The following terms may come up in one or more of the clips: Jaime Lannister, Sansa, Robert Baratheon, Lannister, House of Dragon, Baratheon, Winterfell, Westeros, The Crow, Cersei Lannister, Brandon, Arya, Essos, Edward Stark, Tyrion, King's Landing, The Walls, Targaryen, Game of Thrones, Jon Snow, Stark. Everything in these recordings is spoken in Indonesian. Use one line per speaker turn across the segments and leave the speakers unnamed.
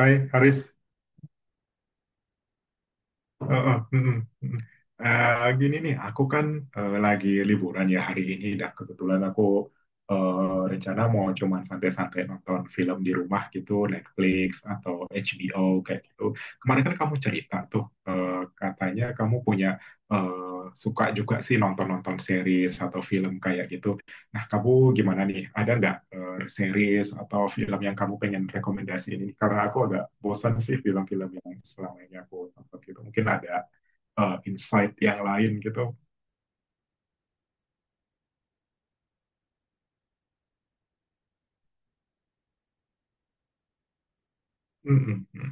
Hai Haris, Eh, eh, mm, mm, mm. Gini nih, aku kan lagi liburan ya hari ini dan kebetulan aku rencana mau cuman santai-santai nonton film di rumah gitu, Netflix atau HBO kayak gitu. Kemarin kan kamu cerita tuh, eh, katanya kamu punya suka juga sih nonton-nonton series atau film kayak gitu. Nah, kamu gimana nih? Ada nggak series atau film yang kamu pengen rekomendasi ini? Karena aku agak bosan sih film-film yang selama ini aku tonton gitu. Mungkin ada insight yang lain gitu. Hmm, hmm, hmm.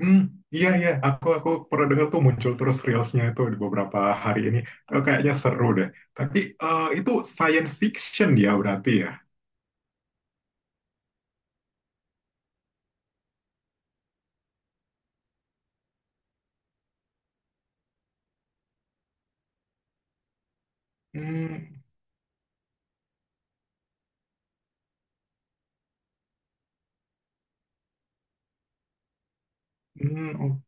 Hmm, iya iya. Aku pernah dengar tuh muncul terus reelsnya itu di beberapa hari ini. Kayaknya seru deh. Tapi itu science fiction ya berarti ya? Hmm, hmm,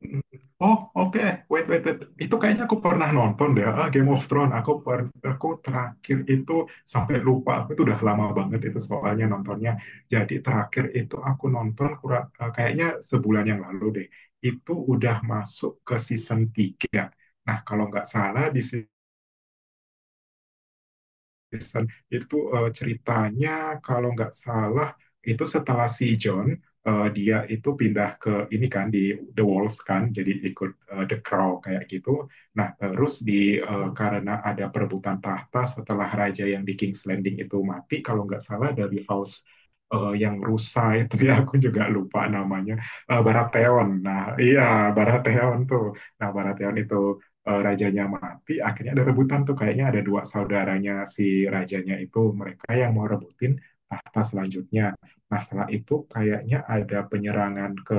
Mm. Oh, oke. Wait, wait, wait. Itu kayaknya aku pernah nonton deh, ah, Game of Thrones. Aku terakhir itu sampai lupa. Aku itu udah lama banget itu soalnya nontonnya. Jadi terakhir itu aku nonton kurang kayaknya sebulan yang lalu deh. Itu udah masuk ke season 3. Nah, kalau nggak salah di Kristen itu ceritanya kalau nggak salah itu setelah si John dia itu pindah ke ini kan di The Walls kan jadi ikut The Crow kayak gitu. Nah terus di karena ada perebutan tahta setelah raja yang di King's Landing itu mati kalau nggak salah dari House yang rusa itu ya aku juga lupa namanya Baratheon. Nah iya Baratheon tuh. Nah Baratheon itu rajanya mati, akhirnya ada rebutan tuh kayaknya ada dua saudaranya si rajanya itu mereka yang mau rebutin tahta selanjutnya. Nah, setelah itu kayaknya ada penyerangan ke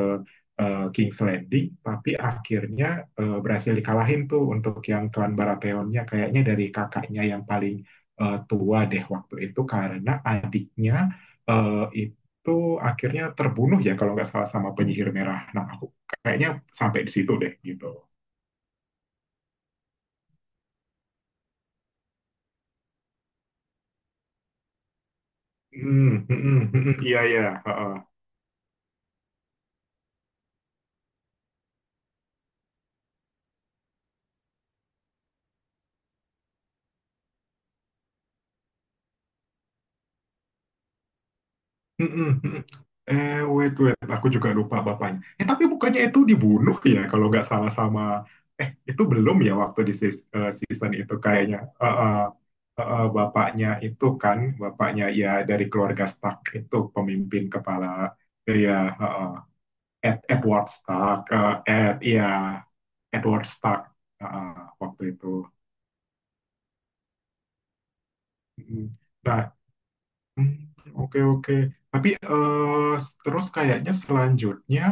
King's Landing, tapi akhirnya berhasil dikalahin tuh untuk yang klan Baratheonnya kayaknya dari kakaknya yang paling tua deh waktu itu karena adiknya eh, itu itu akhirnya terbunuh ya kalau nggak salah sama penyihir merah. Nah, aku kayaknya sampai di situ deh gitu. Hmm. Iya iya. Heeh. Hmm, hmm. hmm. hmm. Wait wait, aku juga lupa bapaknya. Eh, tapi bukannya itu dibunuh ya kalau nggak salah sama itu belum ya waktu di season itu kayaknya. Heeh. Heeh, bapaknya itu kan bapaknya ya dari keluarga Stark itu pemimpin kepala ya heeh. Edward Stark, eh, Ed ya Edward Stark heeh, waktu itu. Hmm. Nah, Oke oke, tapi terus kayaknya selanjutnya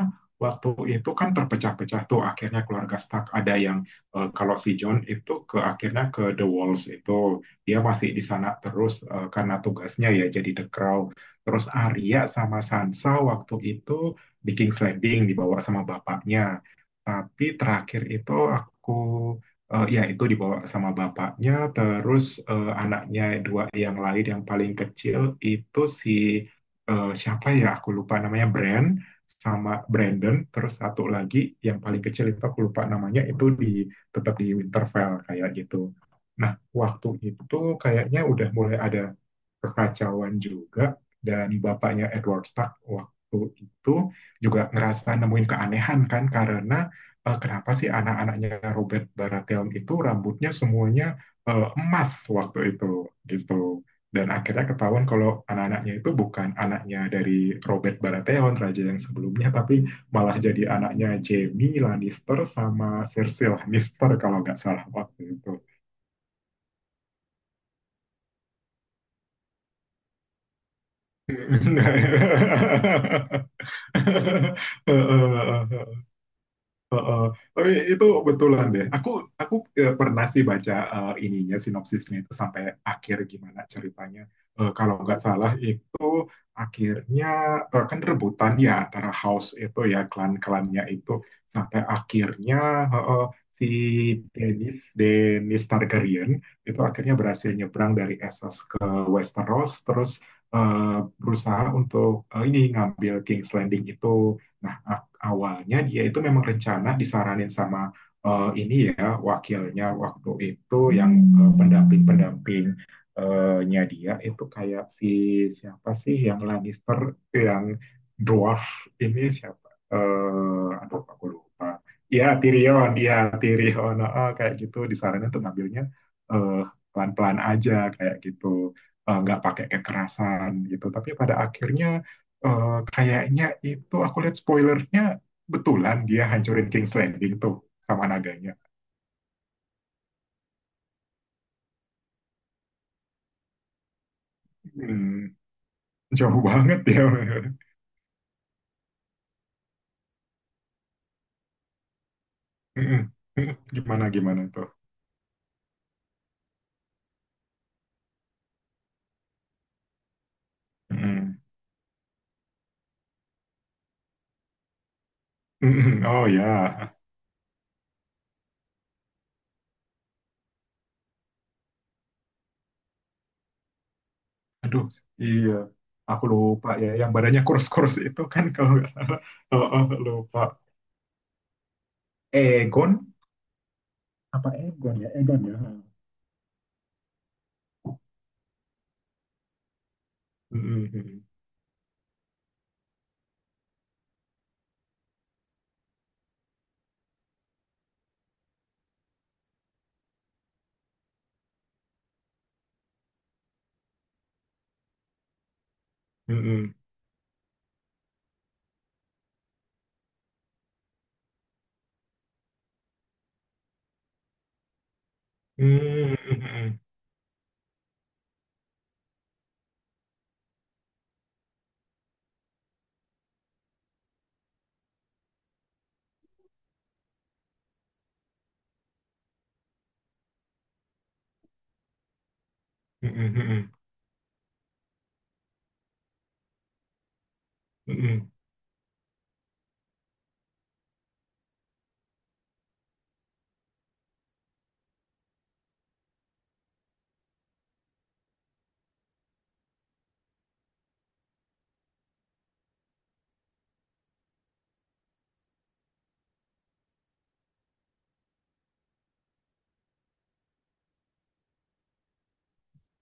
waktu itu kan terpecah-pecah tuh akhirnya keluarga Stark ada yang kalau si John itu ke akhirnya ke The Walls itu dia masih di sana terus karena tugasnya ya jadi The Crow. Terus Arya sama Sansa waktu itu di King's Landing dibawa sama bapaknya. Tapi terakhir itu aku Eh, ya itu dibawa sama bapaknya, terus anaknya dua yang lain yang paling kecil itu si siapa ya aku lupa namanya Brand sama Brandon, terus satu lagi yang paling kecil itu aku lupa namanya itu di tetap di Winterfell kayak gitu. Nah waktu itu kayaknya udah mulai ada kekacauan juga dan bapaknya Edward Stark waktu itu juga ngerasa nemuin keanehan kan karena kenapa sih anak-anaknya Robert Baratheon itu rambutnya semuanya emas waktu itu gitu. Dan akhirnya ketahuan kalau anak-anaknya itu bukan anaknya dari Robert Baratheon, raja yang sebelumnya, tapi malah jadi anaknya Jaime Lannister sama Cersei Lannister kalau nggak salah waktu itu. Heeh. Tapi itu betulan deh. Aku pernah sih baca ininya sinopsisnya itu sampai akhir gimana ceritanya. Eh, kalau nggak salah itu akhirnya kan rebutan ya antara house itu ya klan-klannya itu sampai akhirnya eh, eh, si Dennis Dennis Targaryen itu akhirnya berhasil nyebrang dari Essos ke Westeros terus eh, berusaha untuk ini ngambil King's Landing itu. Nah, awalnya dia itu memang rencana disaranin sama ini ya wakilnya waktu itu yang pendamping-pendamping nya dia itu kayak si siapa sih yang Lannister yang dwarf ini siapa? Eh, aduh aku lupa. Ya Tyrion, heeh, kayak gitu disaranin tuh ngambilnya eh, pelan-pelan aja kayak gitu, nggak pakai kekerasan gitu. Tapi pada akhirnya kayaknya itu aku lihat spoilernya betulan dia hancurin King's Landing tuh sama nadanya. Hmm, jauh banget ya. Gimana gimana tuh? Hmm, Oh ya, aduh iya. Aku lupa ya, yang badannya kurus-kurus itu kan kalau nggak salah. Oh, oh, lupa. Egon apa Egon ya? Egon ya. Hmm, hmm, hmm, hmm, hmm, hmm, hmm, hmm, hmm, hmm, hmm,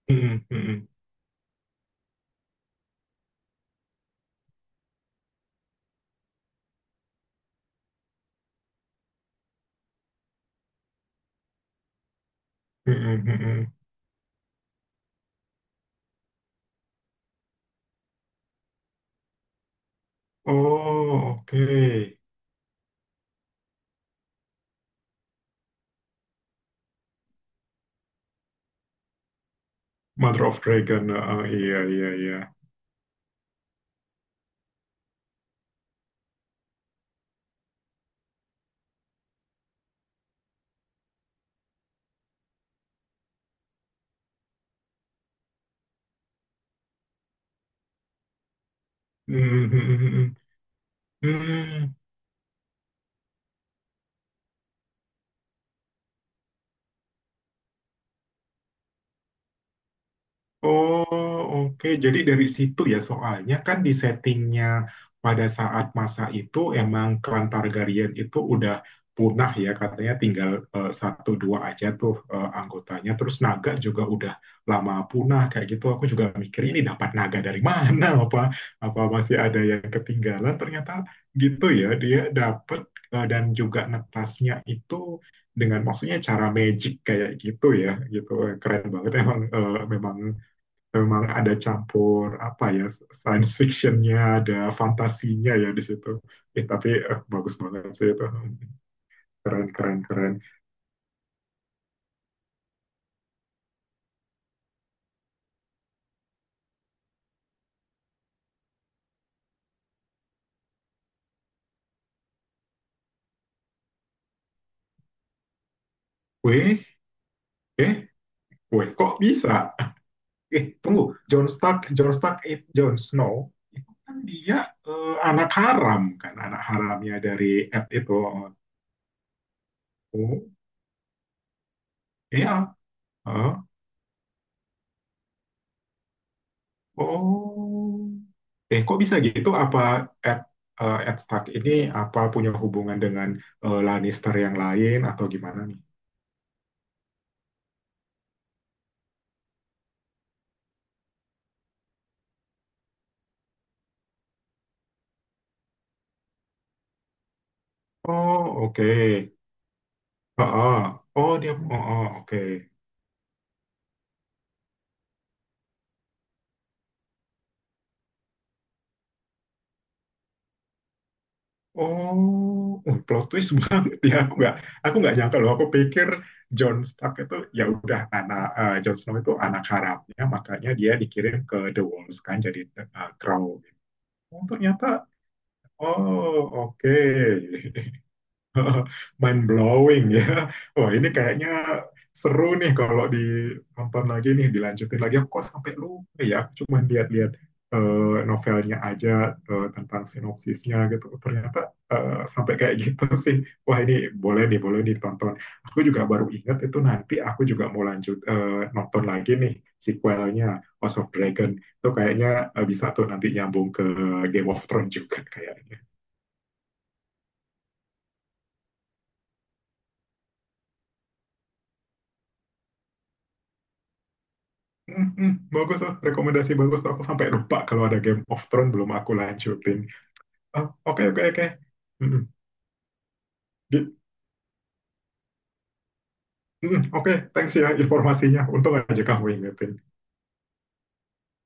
hmm, hmm, hmm, hmm, hmm. Oh, oke. Mother of Dragon. Oh, iya iya iya. Mhm mhm mhm. Mmm. Oh, oke. Jadi dari situ ya soalnya kan di settingnya pada saat masa itu emang klan Targaryen itu udah punah ya katanya tinggal satu dua aja tuh anggotanya. Terus naga juga udah lama punah kayak gitu. Aku juga mikir ini dapat naga dari mana? Apa apa masih ada yang ketinggalan? Ternyata gitu ya dia dapat dan juga netasnya itu dengan maksudnya cara magic kayak gitu ya gitu keren banget emang eh, memang memang ada campur apa ya science fictionnya ada fantasinya ya di situ eh tapi bagus banget sih itu keren keren keren. weh eh Weh kok bisa. Tunggu, Jon Stark, Jon Snow itu kan dia anak haram kan anak haramnya dari Ed itu. Oh, iya. Ah, ah. Oh, eh, kok bisa gitu? Apa Ed, Ed Stark ini apa punya hubungan dengan Lannister yang lain atau gimana nih? Oh, oke. Heeh. Oh, dia. Oh, oh, oke. Oh, plot twist banget ya. Aku nggak nyangka loh. Aku pikir Jon Stark itu ya udah anak Jon Snow itu anak harapnya, makanya dia dikirim ke The Walls kan jadi Crow. Oh, ternyata. Oh, oke. Mind blowing ya. Wah, ini kayaknya seru nih kalau ditonton lagi nih, dilanjutin lagi. Aku kok sampai lupa ya, aku cuman lihat-lihat novelnya aja tentang sinopsisnya gitu. Ternyata sampai kayak gitu sih. Wah, ini boleh nih ditonton. Aku juga baru ingat itu nanti aku juga mau lanjut nonton lagi nih sequelnya House of Dragon. Itu kayaknya bisa tuh nanti nyambung ke Game of Thrones juga kayaknya. Mm-mm, bagus tuh, rekomendasi bagus tuh. Aku sampai lupa kalau ada Game of Thrones belum aku lanjutin. Ah, oke oke oke. Mm-mm. Di- mm-mm, oke, thanks ya informasinya. Untung aja kamu ingetin.